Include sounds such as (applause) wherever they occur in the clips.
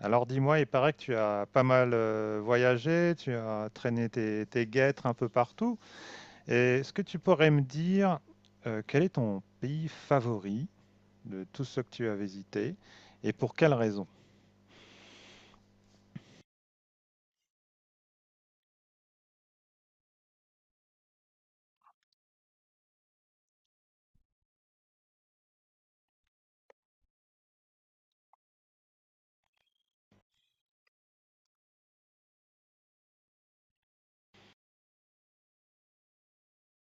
Alors dis-moi, il paraît que tu as pas mal voyagé, tu as traîné tes guêtres un peu partout. Et est-ce que tu pourrais me dire quel est ton pays favori de tous ceux que tu as visités et pour quelle raison?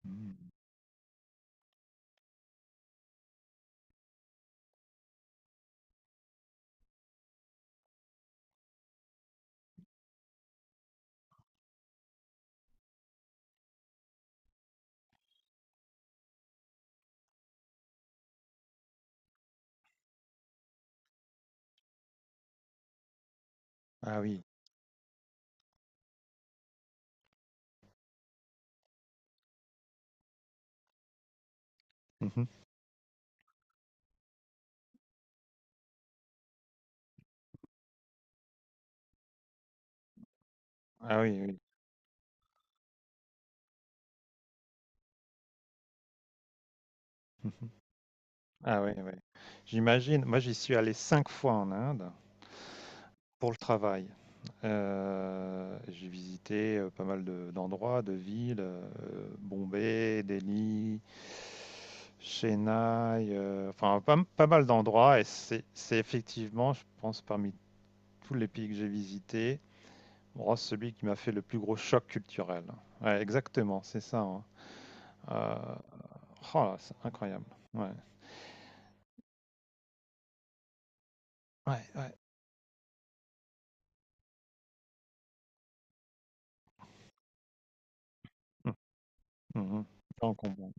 Hmm. Ah oui. Mhm. Ah oui, oui. Mhm. Ah oui, oui. J'imagine. Moi, j'y suis allé cinq fois en Inde pour le travail. J'ai visité pas mal d'endroits, de villes, Bombay, Delhi, Chennai, enfin pas mal d'endroits. Et c'est effectivement, je pense, parmi tous les pays que j'ai visités, bon, celui qui m'a fait le plus gros choc culturel. Ouais, exactement, c'est ça, hein. Euh, oh là, c'est incroyable. Ouais, ouais, ouais. Mhm. Mhm. Je comprends.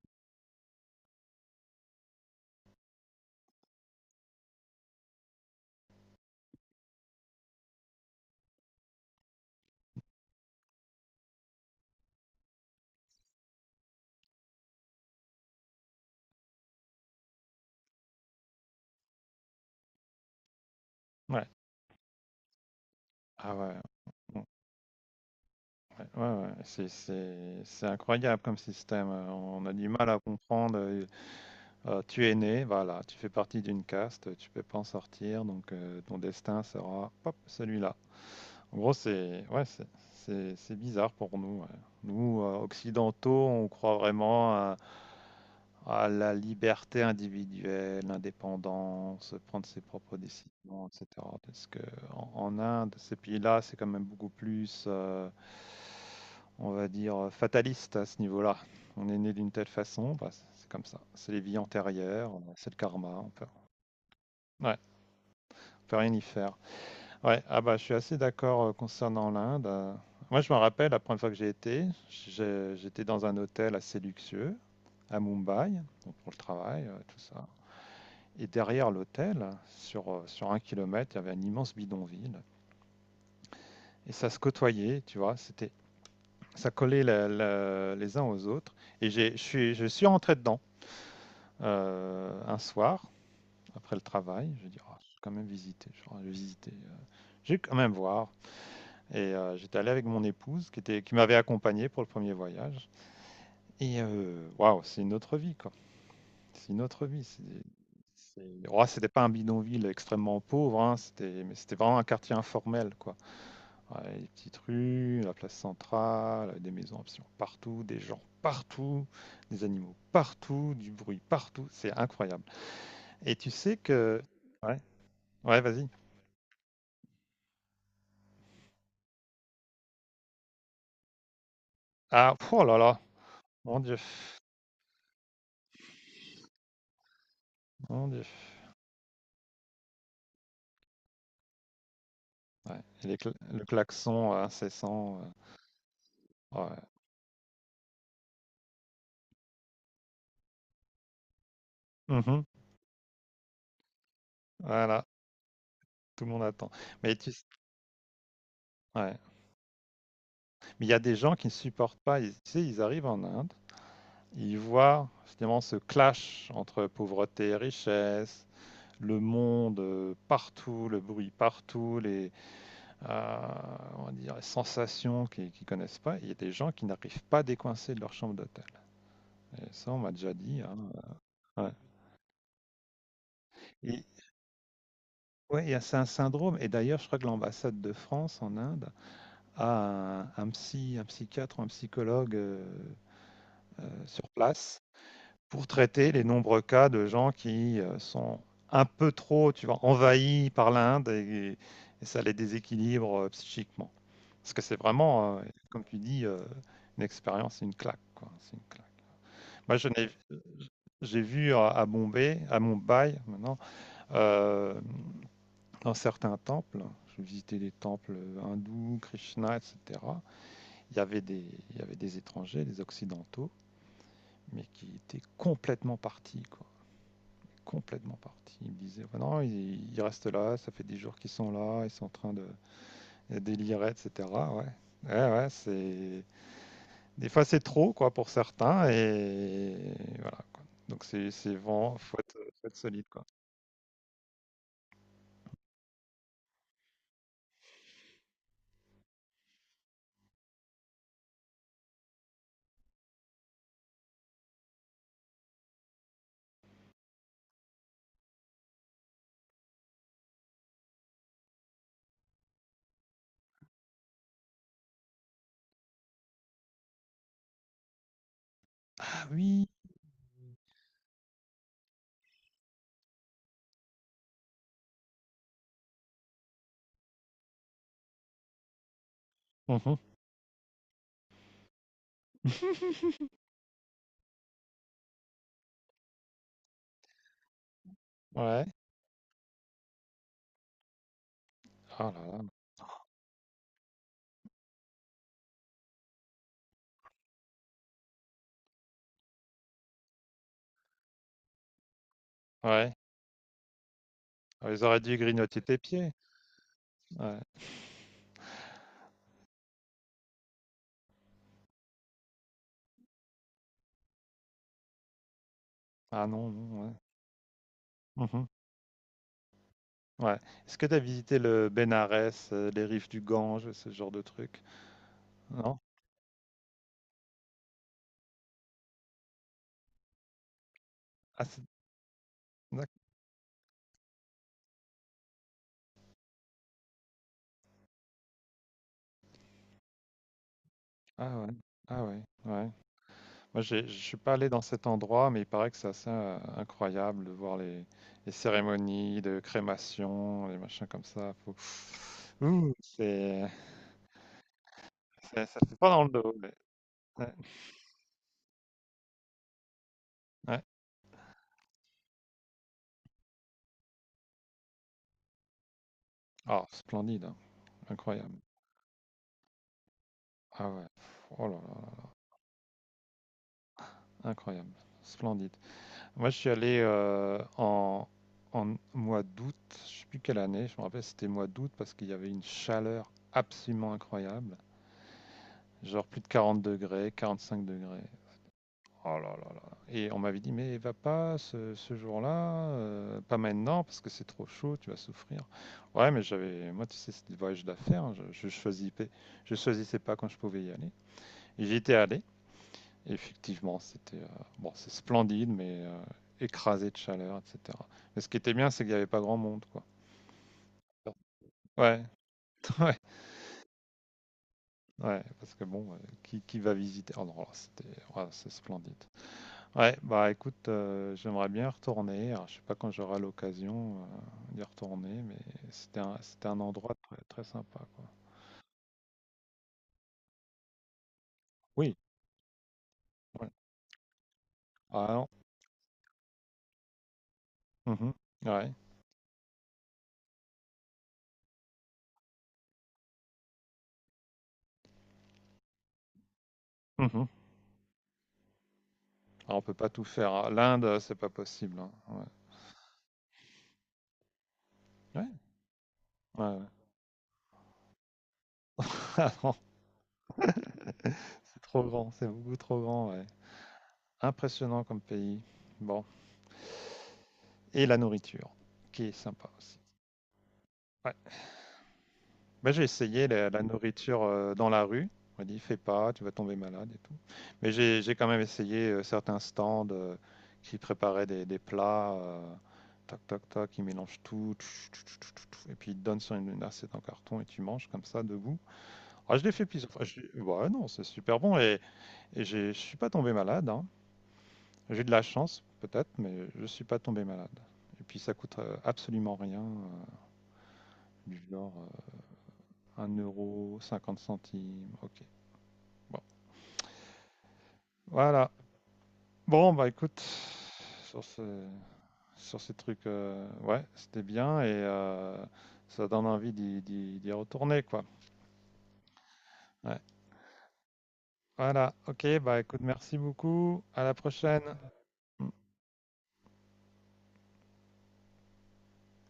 Ouais. Ah ouais. Ouais, ouais, c'est incroyable comme système. On a du mal à comprendre. Tu es né, voilà, tu fais partie d'une caste, tu peux pas en sortir, donc ton destin sera hop, celui-là. En gros, c'est ouais, c'est bizarre pour nous, ouais. Nous, occidentaux, on croit vraiment à, la liberté individuelle, l'indépendance, prendre ses propres décisions, etc. Parce que en Inde, ces pays-là, c'est quand même beaucoup plus, on va dire, fataliste à ce niveau-là. On est né d'une telle façon, bah, c'est comme ça. C'est les vies antérieures, c'est le karma. On peut, ouais, on peut rien y faire. Ouais, ah bah, je suis assez d'accord concernant l'Inde. Moi, je me rappelle la première fois que j'étais dans un hôtel assez luxueux à Mumbai, donc pour le travail, tout ça. Et derrière l'hôtel, sur un kilomètre, il y avait un immense bidonville. Et ça se côtoyait, tu vois, ça collait les uns aux autres. Et je suis rentré dedans un soir, après le travail. Je dis, ah, je vais quand même visiter. Je vais quand même voir. Et j'étais allé avec mon épouse qui m'avait accompagné pour le premier voyage. Et waouh, c'est une autre vie, quoi. C'est une autre vie. Oh, c'était pas un bidonville extrêmement pauvre, hein, mais c'était vraiment un quartier informel, quoi. Ouais, les petites rues, la place centrale, des maisons absolument partout, des gens partout, des animaux partout, du bruit partout. C'est incroyable. Et tu sais que... Ouais, ouais, vas-y. Ah, pff, oh là là, mon Dieu, mon Dieu. Ouais, et le klaxon incessant. Ouais. Mhm. Voilà, tout le monde attend. Mais tu... ouais. Mais il y a des gens qui ne supportent pas. Ils, tu sais, ils arrivent en Inde, ils voient finalement ce clash entre pauvreté et richesse, le monde partout, le bruit partout, euh, on va dire, les sensations qu'ils ne connaissent pas. Il y a des gens qui n'arrivent pas à décoincer de leur chambre d'hôtel. Et ça, on m'a déjà dit, hein. Ouais. Et ouais, c'est un syndrome. Et d'ailleurs, je crois que l'ambassade de France en Inde a un psychiatre ou un psychologue sur place pour traiter les nombreux cas de gens qui sont un peu trop, tu vois, envahis par l'Inde et, ça les déséquilibre psychiquement. Parce que c'est vraiment, comme tu dis, une expérience, une claque, quoi. C'est une claque. Moi, j'ai vu à Bombay, à Mumbai maintenant, hem, dans certains temples, je visitais des temples, hindous, Krishna, et cetera. Il y avait des étrangers, des occidentaux, mais qui étaient complètement partis, quoi, complètement partis. Ils me disaient: «Bah non, ils restent là, ça fait des jours qu'ils sont là, ils sont en train de délirer, et cetera». Ouais. Ouais, ouais, c'est des fois, c'est trop, quoi, pour certains et voilà, quoi. Donc c'est vraiment faut être solide, quoi. Ah oui! Mmh. Ouais. Oh là là. Ouais. Ah, ils auraient dû grignoter tes pieds. Ouais. Ah non, non, ouais. Mmh. Ouais. Est-ce que tu as visité le Bénarès, les rives du Gange, ce genre de truc? Non? Ah, c'est d'acc ah ouais. Ah ouais, ouais. Moi, je suis pas allé dans cet endroit, mais il paraît que c'est assez incroyable de voir les cérémonies de crémation, les machins comme ça. Faut... Ouh, c'est, ça fait pas dans le dos. Ouais. Ouais. Oh, splendide, hein. Incroyable. Ah ouais. Oh là là, incroyable, splendide. Moi, je suis allé en mois d'août, je sais plus quelle année. Je me rappelle, c'était mois d'août parce qu'il y avait une chaleur absolument incroyable, genre plus de 40 degrés, 45 degrés. Oh là là là. Et on m'avait dit, mais va pas ce jour-là, pas maintenant, parce que c'est trop chaud, tu vas souffrir. Ouais, mais j'avais, moi, tu sais, c'était des voyages d'affaires, hein, je choisissais pas quand je pouvais y aller. Et j'y étais allé, et effectivement, bon, c'est splendide, mais écrasé de chaleur, etc. Mais ce qui était bien, c'est qu'il n'y avait pas grand monde, quoi. Ouais, (laughs) ouais, ouais, parce que bon, qui va visiter? Oh non, là, ouais, c'est splendide. Ouais, bah écoute, j'aimerais bien y retourner. Alors, je sais pas quand j'aurai l'occasion d'y retourner, mais c'était un endroit très, très sympa, quoi. Oui, ouais. Ah non. Mhm. Ouais. Mhm. Ah, on peut pas tout faire, hein. L'Inde, c'est pas possible, hein. Ouais. Ouais, ouais, ouais. (laughs) Ah non, c'est trop grand, c'est beaucoup trop grand, ouais. Impressionnant comme pays. Bon, et la nourriture, qui est sympa aussi. Moi, j'ai essayé la nourriture dans la rue. On m'a dit, fais pas, tu vas tomber malade et tout. Mais j'ai quand même essayé certains stands qui préparaient des plats, tac, tac, tac, ils mélangent tout, tch, tch, tch, tch, tch, tch, et puis ils te donnent sur une assiette en carton et tu manges comme ça, debout. Ah, je l'ai fait plusieurs fois. Ouais, non, c'est super bon et, je suis pas tombé malade, hein. J'ai de la chance, peut-être, mais je suis pas tombé malade. Et puis ça coûte absolument rien, du genre 1 euro, 50 centimes, ok. Bon, voilà. Bon, bah écoute, sur ce, sur ces trucs, ouais, c'était bien et ça donne envie d'y d'y retourner, quoi. Ouais. Voilà, ok, bah écoute, merci beaucoup, à la prochaine.